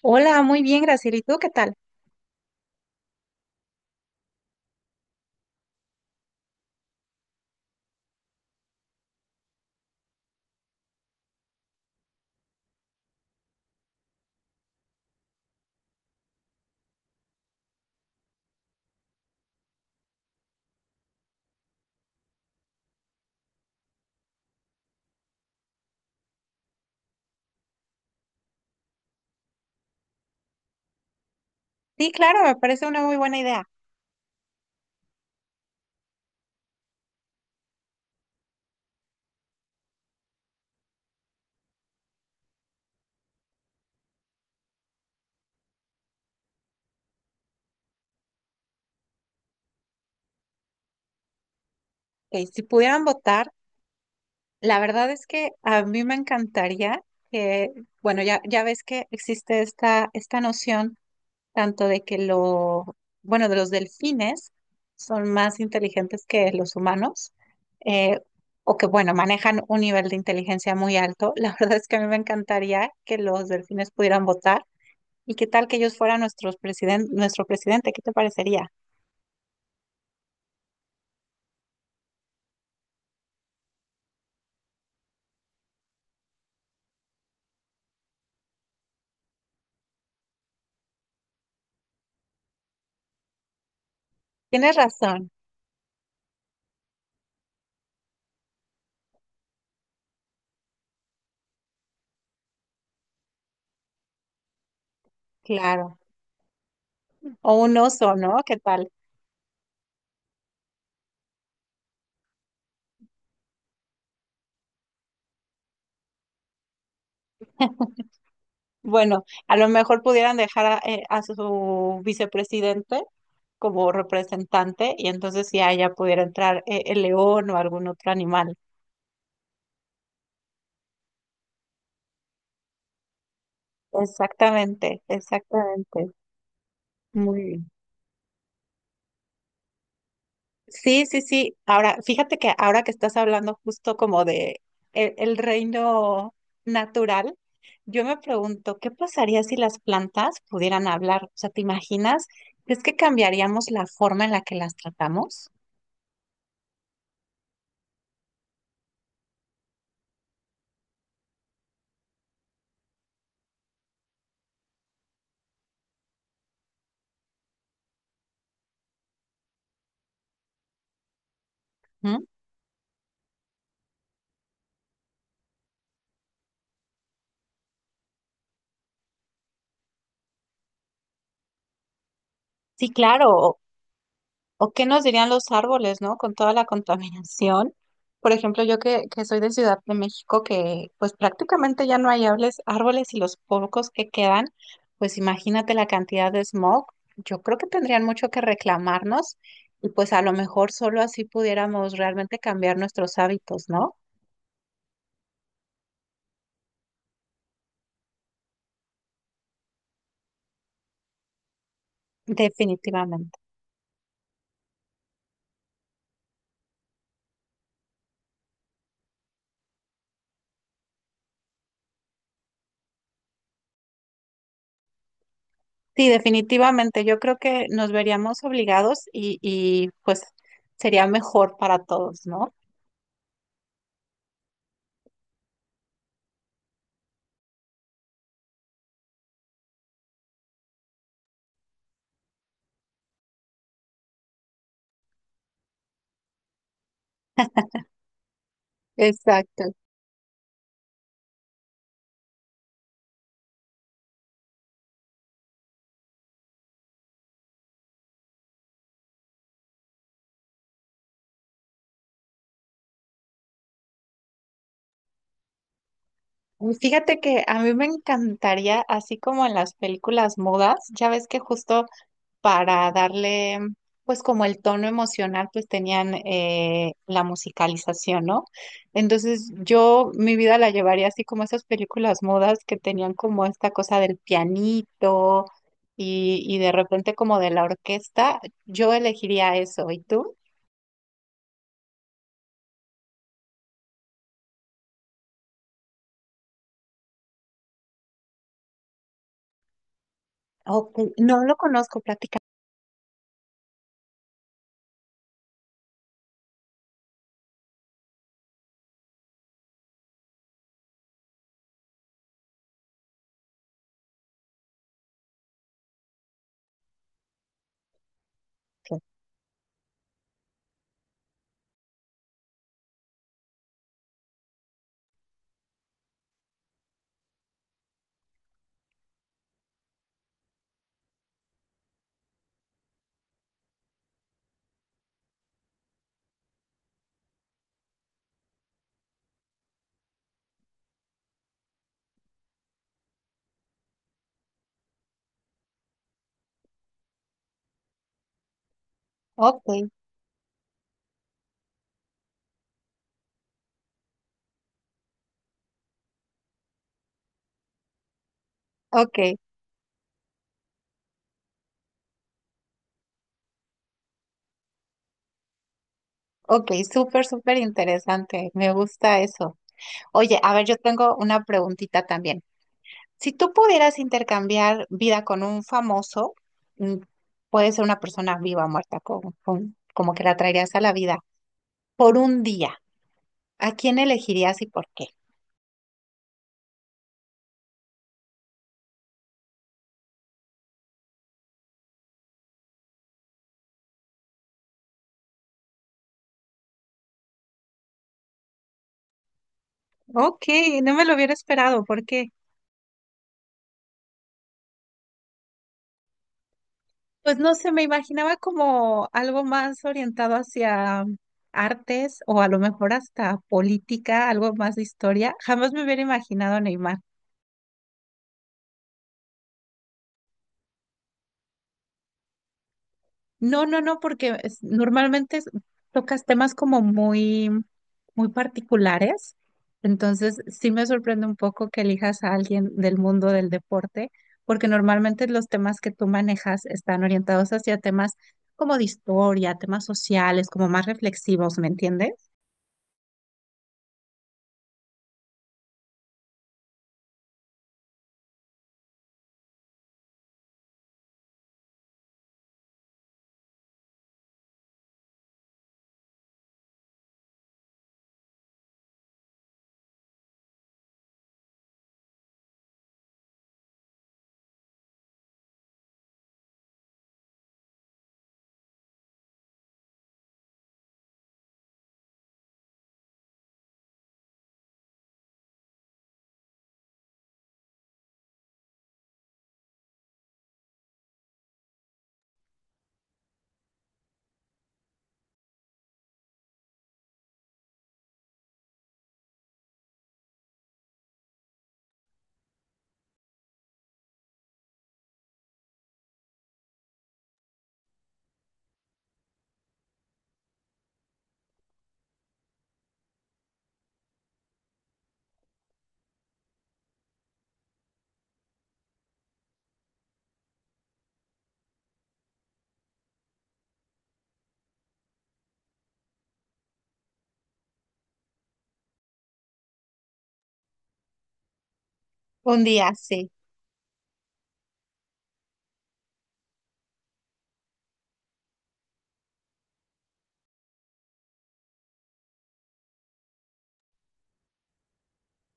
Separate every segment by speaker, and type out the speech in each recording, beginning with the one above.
Speaker 1: Hola, muy bien, Graciela. ¿Y tú qué tal? Sí, claro, me parece una muy buena idea. Ok, si pudieran votar, la verdad es que a mí me encantaría que, bueno, ya ves que existe esta noción tanto de que lo, bueno, de los delfines son más inteligentes que los humanos, eh, o que, bueno, manejan un nivel de inteligencia muy alto. La verdad es que a mí me encantaría que los delfines pudieran votar. ¿Y qué tal que ellos fueran nuestros nuestro presidente? ¿Qué te parecería? Tienes razón, claro. O un oso, ¿no? ¿Qué tal? Bueno, a lo mejor pudieran dejar a su vicepresidente como representante y entonces ya pudiera entrar el león o algún otro animal. Exactamente, exactamente. Muy bien. Sí, sí, sí. Ahora, fíjate que ahora que estás hablando justo como de el reino natural, yo me pregunto, ¿qué pasaría si las plantas pudieran hablar? O sea, ¿te imaginas? ¿Crees que cambiaríamos la forma en la que las tratamos? ¿Mm? Sí, claro. ¿O qué nos dirían los árboles, ¿no? Con toda la contaminación. Por ejemplo, yo que soy de Ciudad de México, que pues prácticamente ya no hay árboles y los pocos que quedan, pues imagínate la cantidad de smog. Yo creo que tendrían mucho que reclamarnos y pues a lo mejor solo así pudiéramos realmente cambiar nuestros hábitos, ¿no? Definitivamente. Sí, definitivamente. Yo creo que nos veríamos obligados y pues sería mejor para todos, ¿no? Exacto. Fíjate que a mí me encantaría, así como en las películas mudas, ya ves que justo para darle, pues como el tono emocional, pues tenían la musicalización, ¿no? Entonces yo mi vida la llevaría así como esas películas mudas que tenían como esta cosa del pianito y de repente como de la orquesta, yo elegiría eso. ¿Y tú? Ok, no lo conozco, platícame. Ok, ok. Ok, súper, súper interesante. Me gusta eso. Oye, a ver, yo tengo una preguntita también. Si tú pudieras intercambiar vida con un famoso, mm, puede ser una persona viva o muerta, como que la traerías a la vida por un día, ¿a quién elegirías y por qué? Ok, no me lo hubiera esperado, ¿por qué? Pues no sé, me imaginaba como algo más orientado hacia artes o a lo mejor hasta política, algo más de historia. Jamás me hubiera imaginado Neymar. No, no, no, porque normalmente tocas temas como muy, muy particulares. Entonces, sí me sorprende un poco que elijas a alguien del mundo del deporte, porque normalmente los temas que tú manejas están orientados hacia temas como de historia, temas sociales, como más reflexivos, ¿me entiendes? Un día, sí.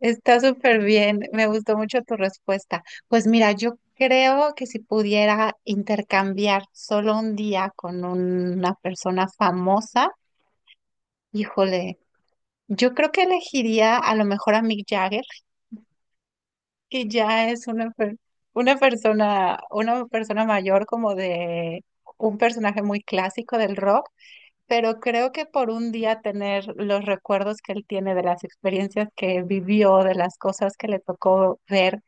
Speaker 1: Está súper bien, me gustó mucho tu respuesta. Pues mira, yo creo que si pudiera intercambiar solo un día con una persona famosa, híjole, yo creo que elegiría a lo mejor a Mick Jagger, que ya es una persona mayor como de un personaje muy clásico del rock, pero creo que por un día tener los recuerdos que él tiene de las experiencias que vivió, de las cosas que le tocó ver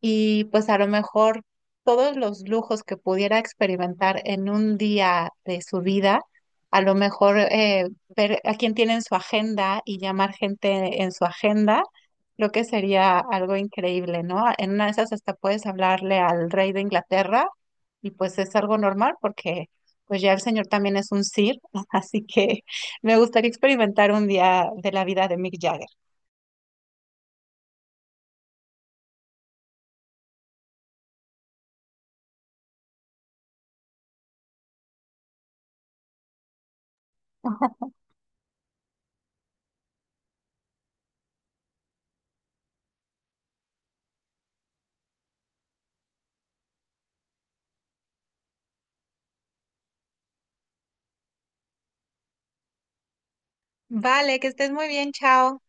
Speaker 1: y pues a lo mejor todos los lujos que pudiera experimentar en un día de su vida, a lo mejor ver a quién tiene en su agenda y llamar gente en su agenda, creo que sería algo increíble, ¿no? En una de esas hasta puedes hablarle al rey de Inglaterra y pues es algo normal porque pues ya el señor también es un sir, así que me gustaría experimentar un día de la vida de Mick Jagger. Vale, que estés muy bien, chao.